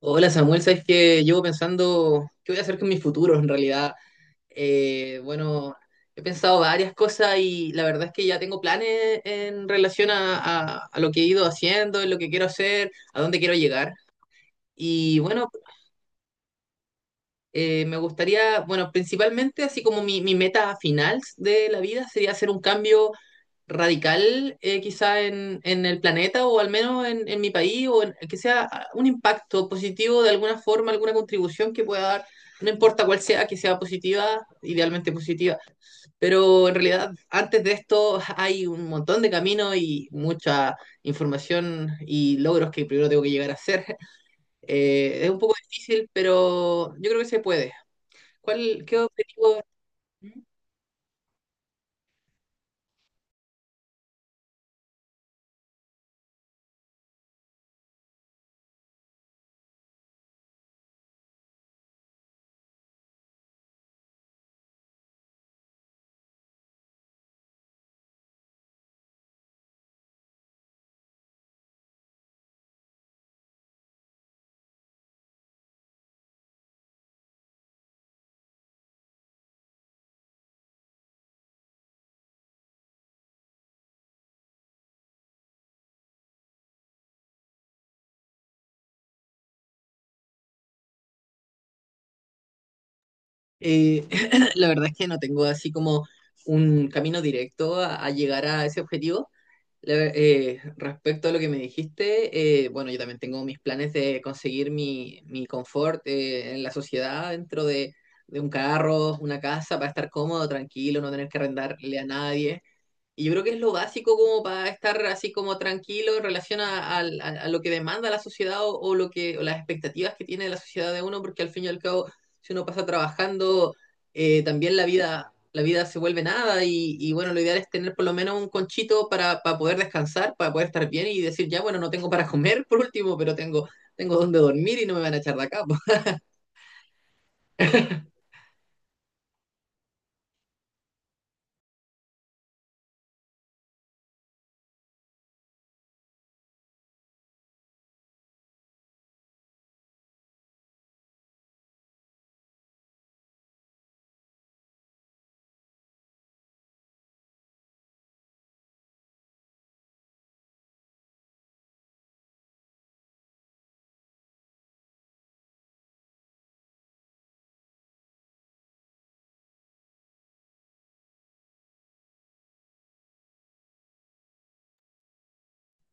Hola Samuel, sabes que llevo pensando qué voy a hacer con mi futuro en realidad. Bueno, he pensado varias cosas y la verdad es que ya tengo planes en relación a lo que he ido haciendo, en lo que quiero hacer, a dónde quiero llegar. Y bueno, me gustaría, bueno, principalmente así como mi meta final de la vida sería hacer un cambio radical, quizá en el planeta o al menos en mi país o en- que sea, un impacto positivo de alguna forma, alguna contribución que pueda dar, no importa cuál sea, que sea positiva, idealmente positiva. Pero en realidad antes de esto hay un montón de caminos y mucha información y logros que primero tengo que llegar a hacer. Es un poco difícil, pero yo creo que se puede. ¿Cuál, qué objetivo? Eh, la verdad es que no tengo así como un camino directo a llegar a ese objetivo. Respecto a lo que me dijiste, bueno, yo también tengo mis planes de conseguir mi confort en la sociedad dentro de un carro, una casa, para estar cómodo, tranquilo, no tener que arrendarle a nadie. Y yo creo que es lo básico como para estar así como tranquilo en relación a lo que demanda la sociedad o lo que, o las expectativas que tiene la sociedad de uno, porque al fin y al cabo, si uno pasa trabajando, también la vida se vuelve nada y, y bueno, lo ideal es tener por lo menos un conchito para poder descansar, para poder estar bien y decir, ya, bueno, no tengo para comer por último, pero tengo, tengo donde dormir y no me van a echar de acá.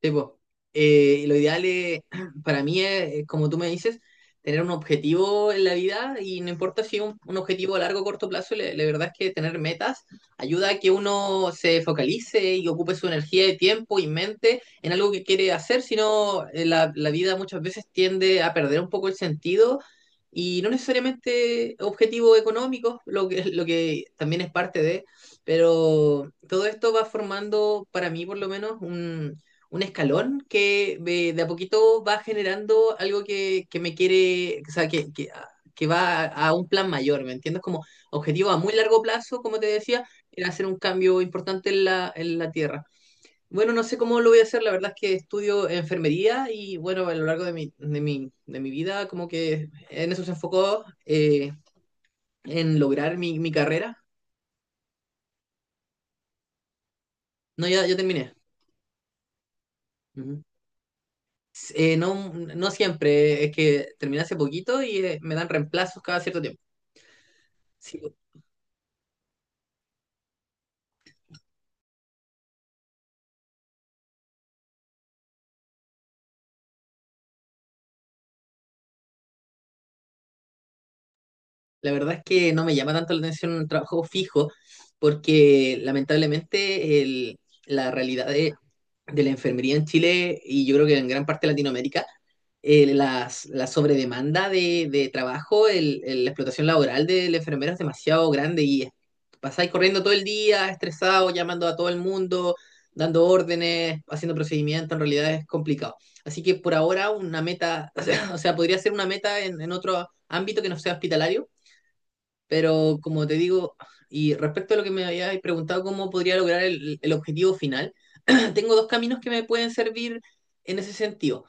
Sí, po. Lo ideal es, para mí es, como tú me dices, tener un objetivo en la vida y no importa si un, un objetivo a largo o corto plazo, verdad es que tener metas ayuda a que uno se focalice y ocupe su energía y tiempo y mente en algo que quiere hacer. Si sino la vida muchas veces tiende a perder un poco el sentido y no necesariamente objetivos económicos, lo que, lo que también es parte de, pero todo esto va formando para mí por lo menos un escalón que, de a poquito va generando algo que me quiere, o sea, que, que va a un plan mayor, ¿me entiendes? Como objetivo a muy largo plazo, como te decía, era hacer un cambio importante en la tierra. Bueno, no sé cómo lo voy a hacer, la verdad es que estudio enfermería y bueno, a lo largo de mi vida como que en eso se enfocó, en lograr mi carrera. No, ya terminé. Ujú. No, no siempre, es que terminé hace poquito y me dan reemplazos cada cierto tiempo. Sí, la verdad es que no me llama tanto la atención un trabajo fijo porque lamentablemente el- la realidad de la enfermería en Chile y yo creo que en gran parte de Latinoamérica, las- la sobredemanda de trabajo, la explotación laboral de la enfermera es demasiado grande y pasáis corriendo todo el día, estresado, llamando a todo el mundo, dando órdenes, haciendo procedimientos, en realidad es complicado. Así que por ahora una meta, o sea, podría ser una meta en otro ámbito que no sea hospitalario, pero como te digo, y respecto a lo que me habías preguntado, cómo podría lograr el objetivo final, tengo dos caminos que me pueden servir en ese sentido.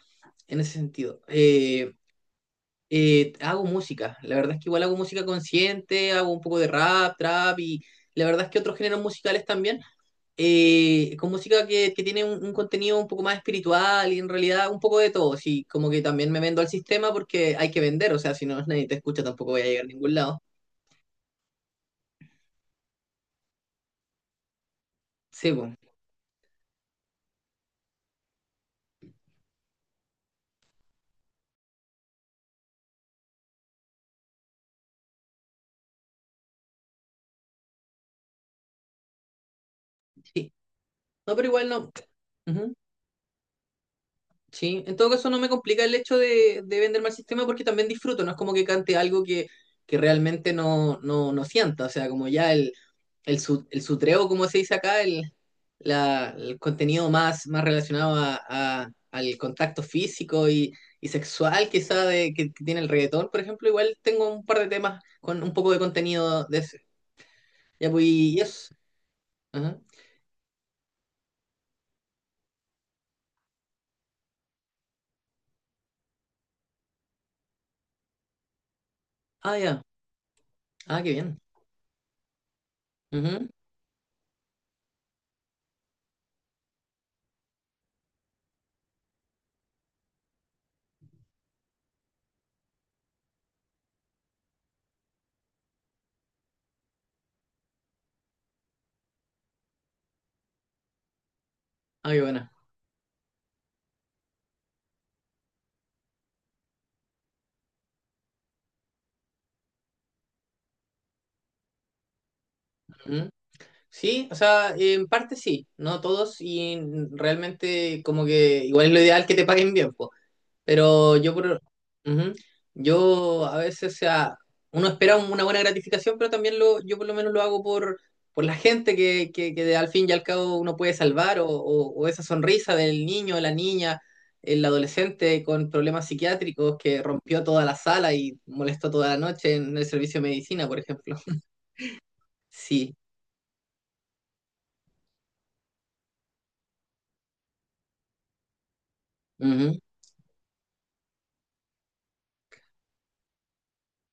En ese sentido, hago música. La verdad es que igual hago música consciente, hago un poco de rap, trap y la verdad es que otros géneros musicales también, con música que tiene un contenido un poco más espiritual y en realidad un poco de todo. Sí, como que también me vendo al sistema porque hay que vender, o sea, si no nadie te escucha tampoco voy a llegar a ningún lado. Sí, po. Sí. No, pero igual no. Ujú. Sí, en todo caso no me complica el hecho de vender mal sistema porque también disfruto, no es como que cante algo que realmente no, no, no sienta, o sea, como ya su- el sutreo, como se dice acá, el, la- el contenido más, más relacionado a- al contacto físico y sexual quizá de, que tiene el reggaetón, por ejemplo, igual tengo un par de temas con un poco de contenido de ese. Ya, pues, y eso. Ajá. Ah, ya. Ah, qué bien. Ujú. Ah, qué buena. Sí, o sea, en parte sí, no todos y realmente como que igual es lo ideal que te paguen bien, po. Pero yo por, ujú, yo a veces, o sea, uno espera un- una buena gratificación, pero también lo, yo por lo menos lo hago por la gente que de- al fin y al cabo uno puede salvar o esa sonrisa del niño, la niña, el adolescente con problemas psiquiátricos que rompió toda la sala y molestó toda la noche en el servicio de medicina, por ejemplo. Sí, ujú,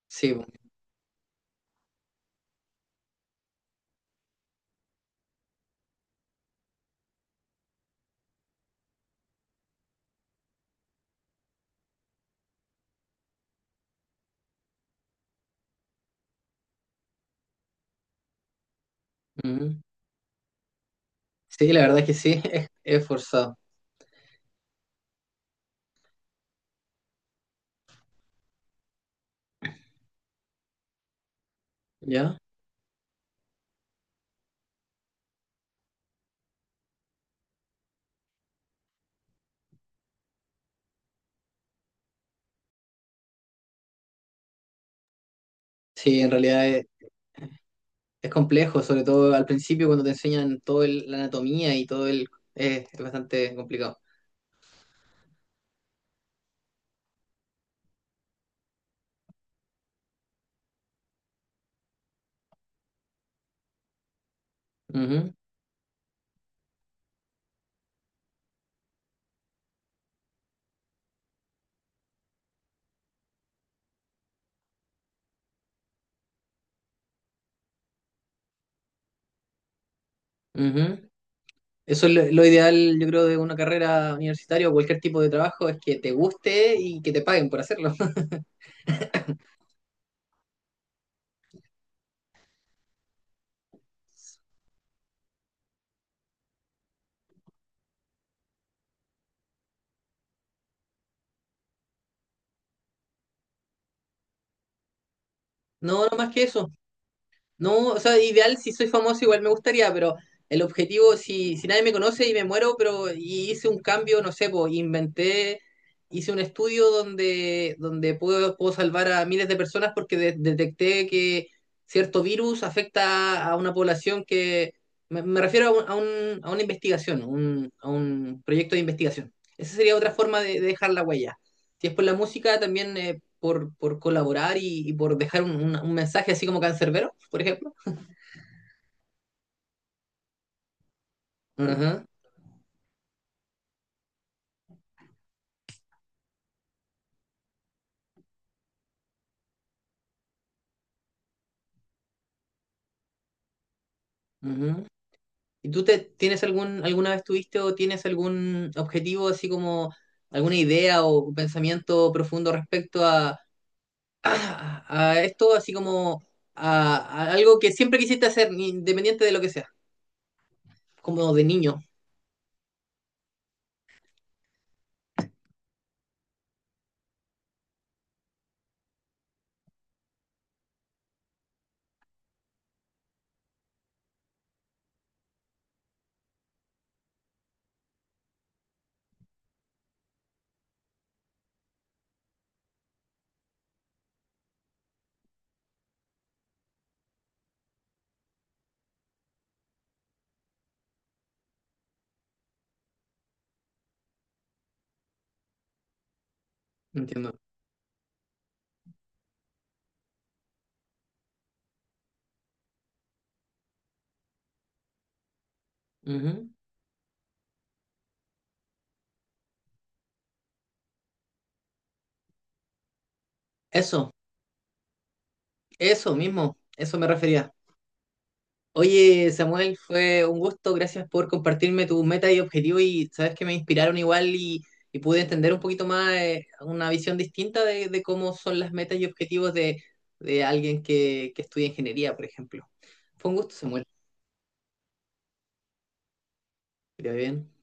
sí. Ujú. Sí, la verdad que sí, es forzado, ¿ya? Sí, en realidad es complejo, sobre todo al principio cuando te enseñan toda la anatomía y todo el... es bastante complicado. Ujú, ujú. Eso es lo ideal, yo creo, de una carrera universitaria o cualquier tipo de trabajo, es que te guste y que te paguen por hacerlo. No, no más que eso. No, o sea, ideal, si soy famoso igual me gustaría, pero el objetivo, si, si nadie me conoce y me muero, pero y hice un cambio, no sé, pues inventé, hice un estudio donde, donde puedo, puedo salvar a miles de personas porque de- detecté que cierto virus afecta a una población que, me refiero a, un- a, un- a una investigación, un- a un proyecto de investigación. Esa sería otra forma de dejar la huella. Si es por la música, también por colaborar y por dejar un mensaje así como cancerbero, por ejemplo. Ajá, ajá. ¿Y tú te, tienes algún, alguna vez tuviste o tienes algún objetivo, así como alguna idea o pensamiento profundo respecto a, a, a esto, así como a algo que siempre quisiste hacer, independiente de lo que sea, como de niño? Entiendo. Ujú. Eso, eso mismo, eso me refería. Oye, Samuel, fue un gusto. Gracias por compartirme tus metas y objetivos y sabes que me inspiraron igual y pude entender un poquito más, una visión distinta de cómo son las metas y objetivos de alguien que estudia ingeniería, por ejemplo. Fue un gusto, Samuel. Que te vaya bien.